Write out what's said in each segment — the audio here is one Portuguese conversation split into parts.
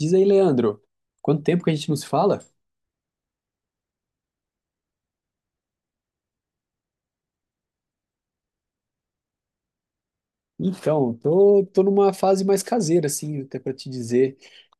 Diz aí, Leandro, quanto tempo que a gente não se fala? Então, tô numa fase mais caseira, assim, até para te dizer,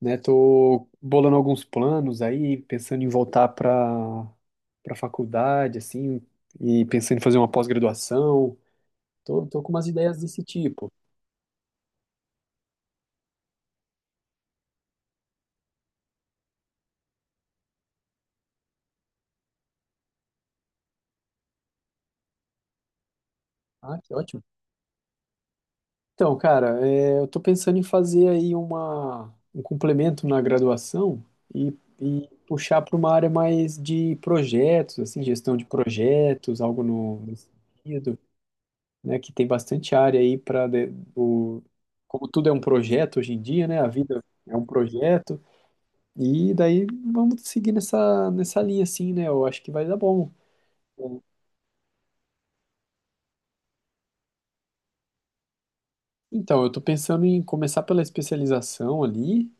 né? Tô bolando alguns planos aí, pensando em voltar para faculdade, assim, e pensando em fazer uma pós-graduação. Tô com umas ideias desse tipo. Ah, que ótimo. Então, cara, eu tô pensando em fazer aí uma, um complemento na graduação e puxar para uma área mais de projetos, assim, gestão de projetos, algo no, nesse sentido, né, que tem bastante área aí para o, como tudo é um projeto hoje em dia, né, a vida é um projeto e daí vamos seguir nessa linha assim, né? Eu acho que vai dar bom. Então, eu tô pensando em começar pela especialização ali.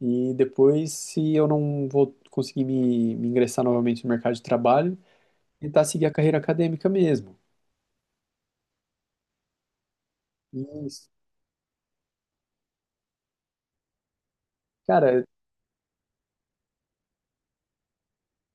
E depois, se eu não vou conseguir me ingressar novamente no mercado de trabalho, tentar seguir a carreira acadêmica mesmo. E, cara,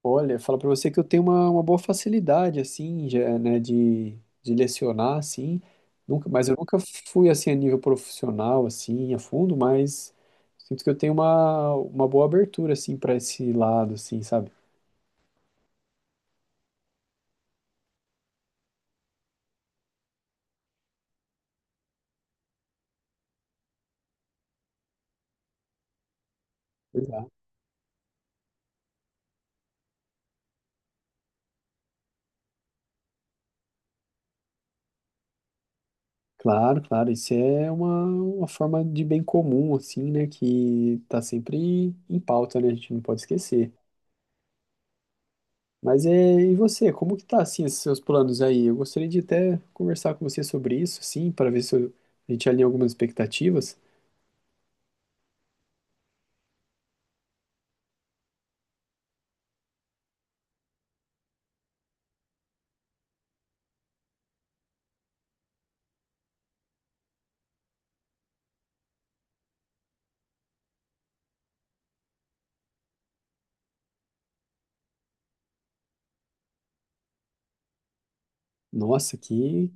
olha, falo pra você que eu tenho uma boa facilidade, assim, já, né, de lecionar, assim. Nunca, mas eu nunca fui, assim, a nível profissional, assim, a fundo, mas sinto que eu tenho uma boa abertura, assim, para esse lado, assim, sabe? Claro, claro, isso é uma forma de bem comum, assim, né, que tá sempre em pauta, né, a gente não pode esquecer. Mas é, e você, como que tá, assim, esses seus planos aí? Eu gostaria de até conversar com você sobre isso, assim, para ver se eu- a gente alinha algumas expectativas. Nossa, que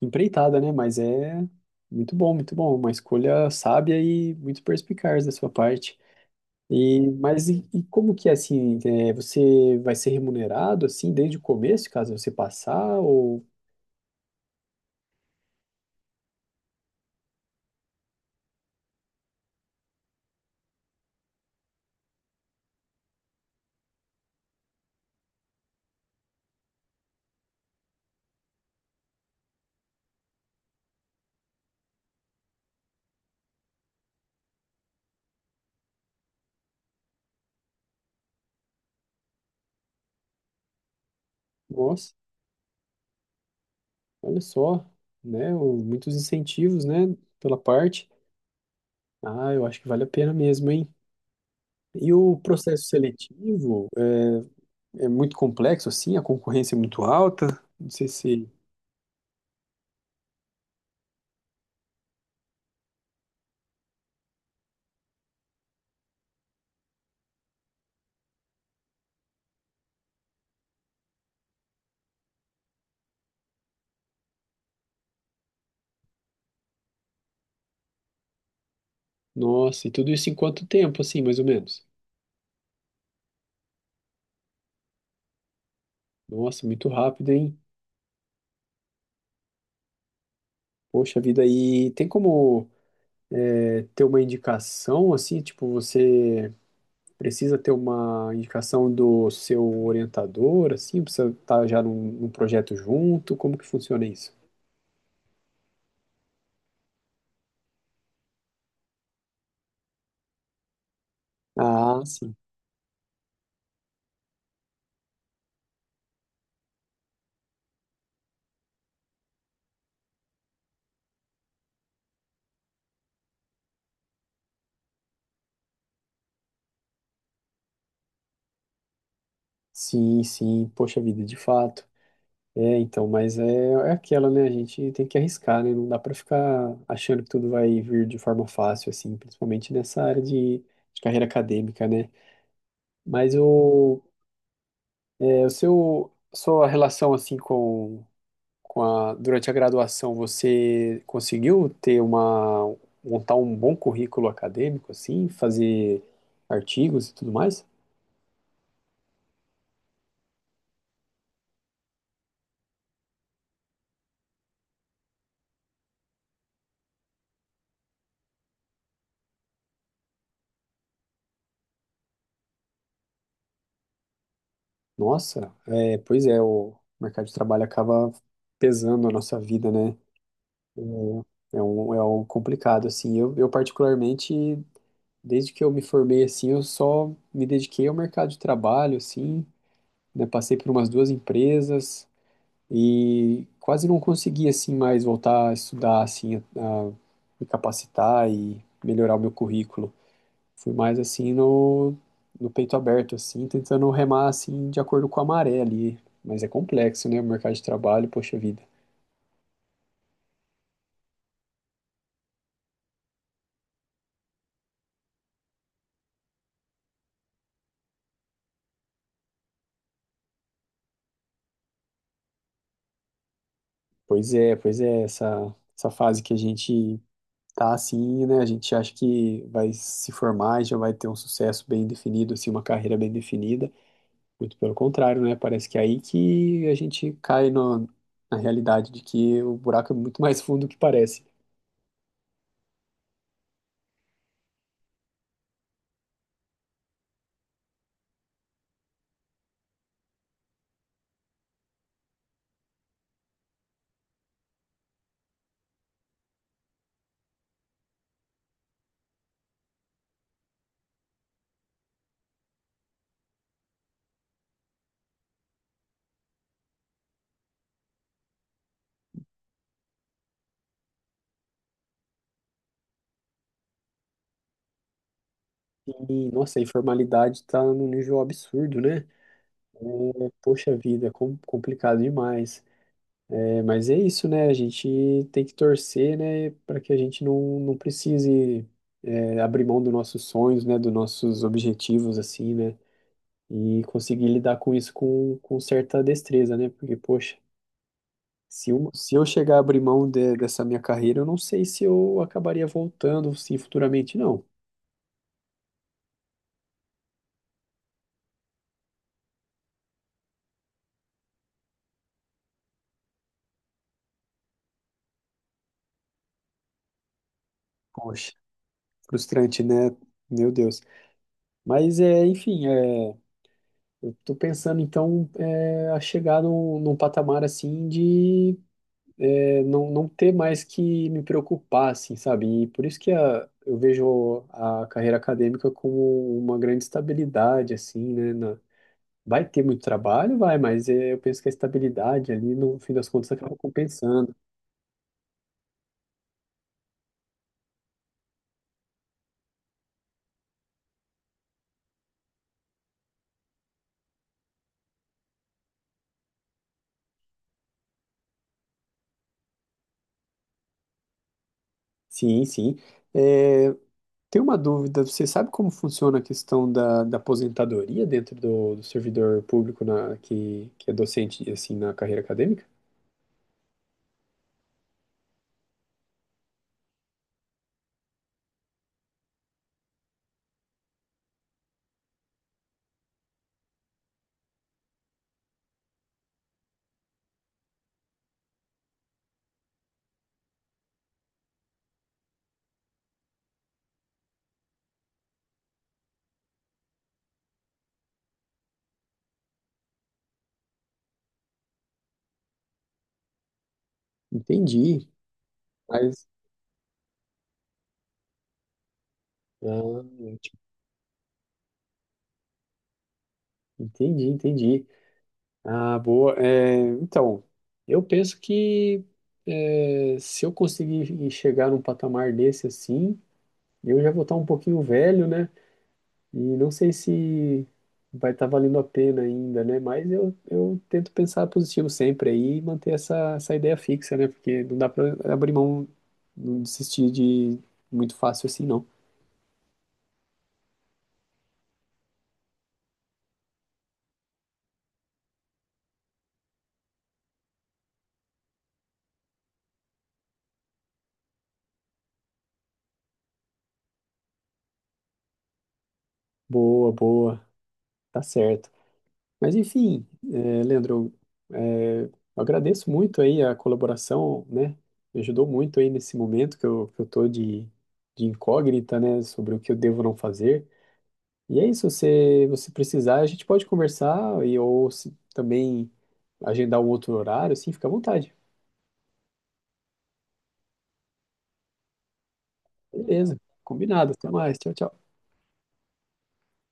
empreitada, né, mas é muito bom, uma escolha sábia e muito perspicaz da sua parte. E, mas e como que é assim? Você vai ser remunerado assim desde o começo, caso você passar? Ou, nossa, olha só, né? O- muitos incentivos, né? Pela parte. Ah, eu acho que vale a pena mesmo, hein? E o processo seletivo é, é muito complexo, assim, a concorrência é muito alta. Não sei se. Nossa, e tudo isso em quanto tempo, assim, mais ou menos? Nossa, muito rápido, hein? Poxa vida, e tem como ter uma indicação, assim, tipo, você. Precisa ter uma indicação do seu orientador, assim, precisa estar já num, num projeto junto, como que funciona isso? Ah, sim. Sim, sim, poxa vida, de fato. É, então, mas é, é aquela, né? A gente tem que arriscar, né? Não dá pra ficar achando que tudo vai vir de forma fácil, assim, principalmente nessa área de carreira acadêmica, né? Mas o, é, o seu, sua relação, assim, com a- durante a graduação, você conseguiu ter uma, montar um bom currículo acadêmico, assim, fazer artigos e tudo mais? Nossa, é, pois é, o mercado de trabalho acaba pesando a nossa vida, né? É, é um, é algo complicado, assim. Eu, particularmente, desde que eu me formei, assim, eu só me dediquei ao mercado de trabalho, assim, né? Passei por umas duas empresas, e quase não consegui assim mais voltar a estudar assim, a me capacitar e melhorar o meu currículo. Fui mais assim no, no peito aberto assim, tentando remar assim de acordo com a maré ali, mas é complexo, né, o mercado de trabalho, poxa vida. Pois é, essa fase que a gente tá assim, né, a gente acha que vai se formar e já vai ter um sucesso bem definido assim, uma carreira bem definida. Muito pelo contrário, né? Parece que é aí que a gente cai no- na realidade de que o buraco é muito mais fundo do que parece. E, nossa, a informalidade tá num nível absurdo, né? É, poxa vida, é com- complicado demais. É, mas é isso, né? A gente tem que torcer, né, para que a gente não precise, abrir mão dos nossos sonhos, né, dos nossos objetivos, assim, né? E conseguir lidar com isso com certa destreza, né? Porque, poxa. Se eu chegar a abrir mão de- dessa minha carreira, eu não sei se eu acabaria voltando, sim, futuramente, não. Poxa, frustrante, né? Meu Deus. Mas, é, enfim, é, eu tô pensando, então, é, a chegar num, num patamar, assim, de não, não ter mais que me preocupar, assim, sabe? E por isso que a, eu vejo a carreira acadêmica como uma grande estabilidade, assim, né? Vai ter muito trabalho, vai, mas eu penso que a estabilidade ali, no fim das contas, acaba compensando. Sim, sim. Eh, Tem uma dúvida, você sabe como funciona a questão da, da aposentadoria dentro do, do servidor público na, que é docente, assim, na carreira acadêmica? Entendi, mas... Ah, ótimo. Entendi, entendi. Ah, boa. Então, eu penso que se eu conseguir chegar num patamar desse assim, eu já vou estar um pouquinho velho, né? E não sei se vai estar valendo a pena ainda, né? Mas eu tento pensar positivo sempre aí e manter essa, essa ideia fixa, né? Porque não dá pra abrir mão, não desistir de muito fácil assim, não. Boa, boa, tá certo. Mas enfim, é, Leandro, é, eu agradeço muito aí a colaboração, né? Me ajudou muito aí nesse momento que que eu tô de incógnita, né? Sobre o que eu devo não fazer. E é isso, se você precisar, a gente pode conversar e ou se também agendar um outro horário, assim, fica à vontade. Beleza, combinado, até mais, tchau, tchau.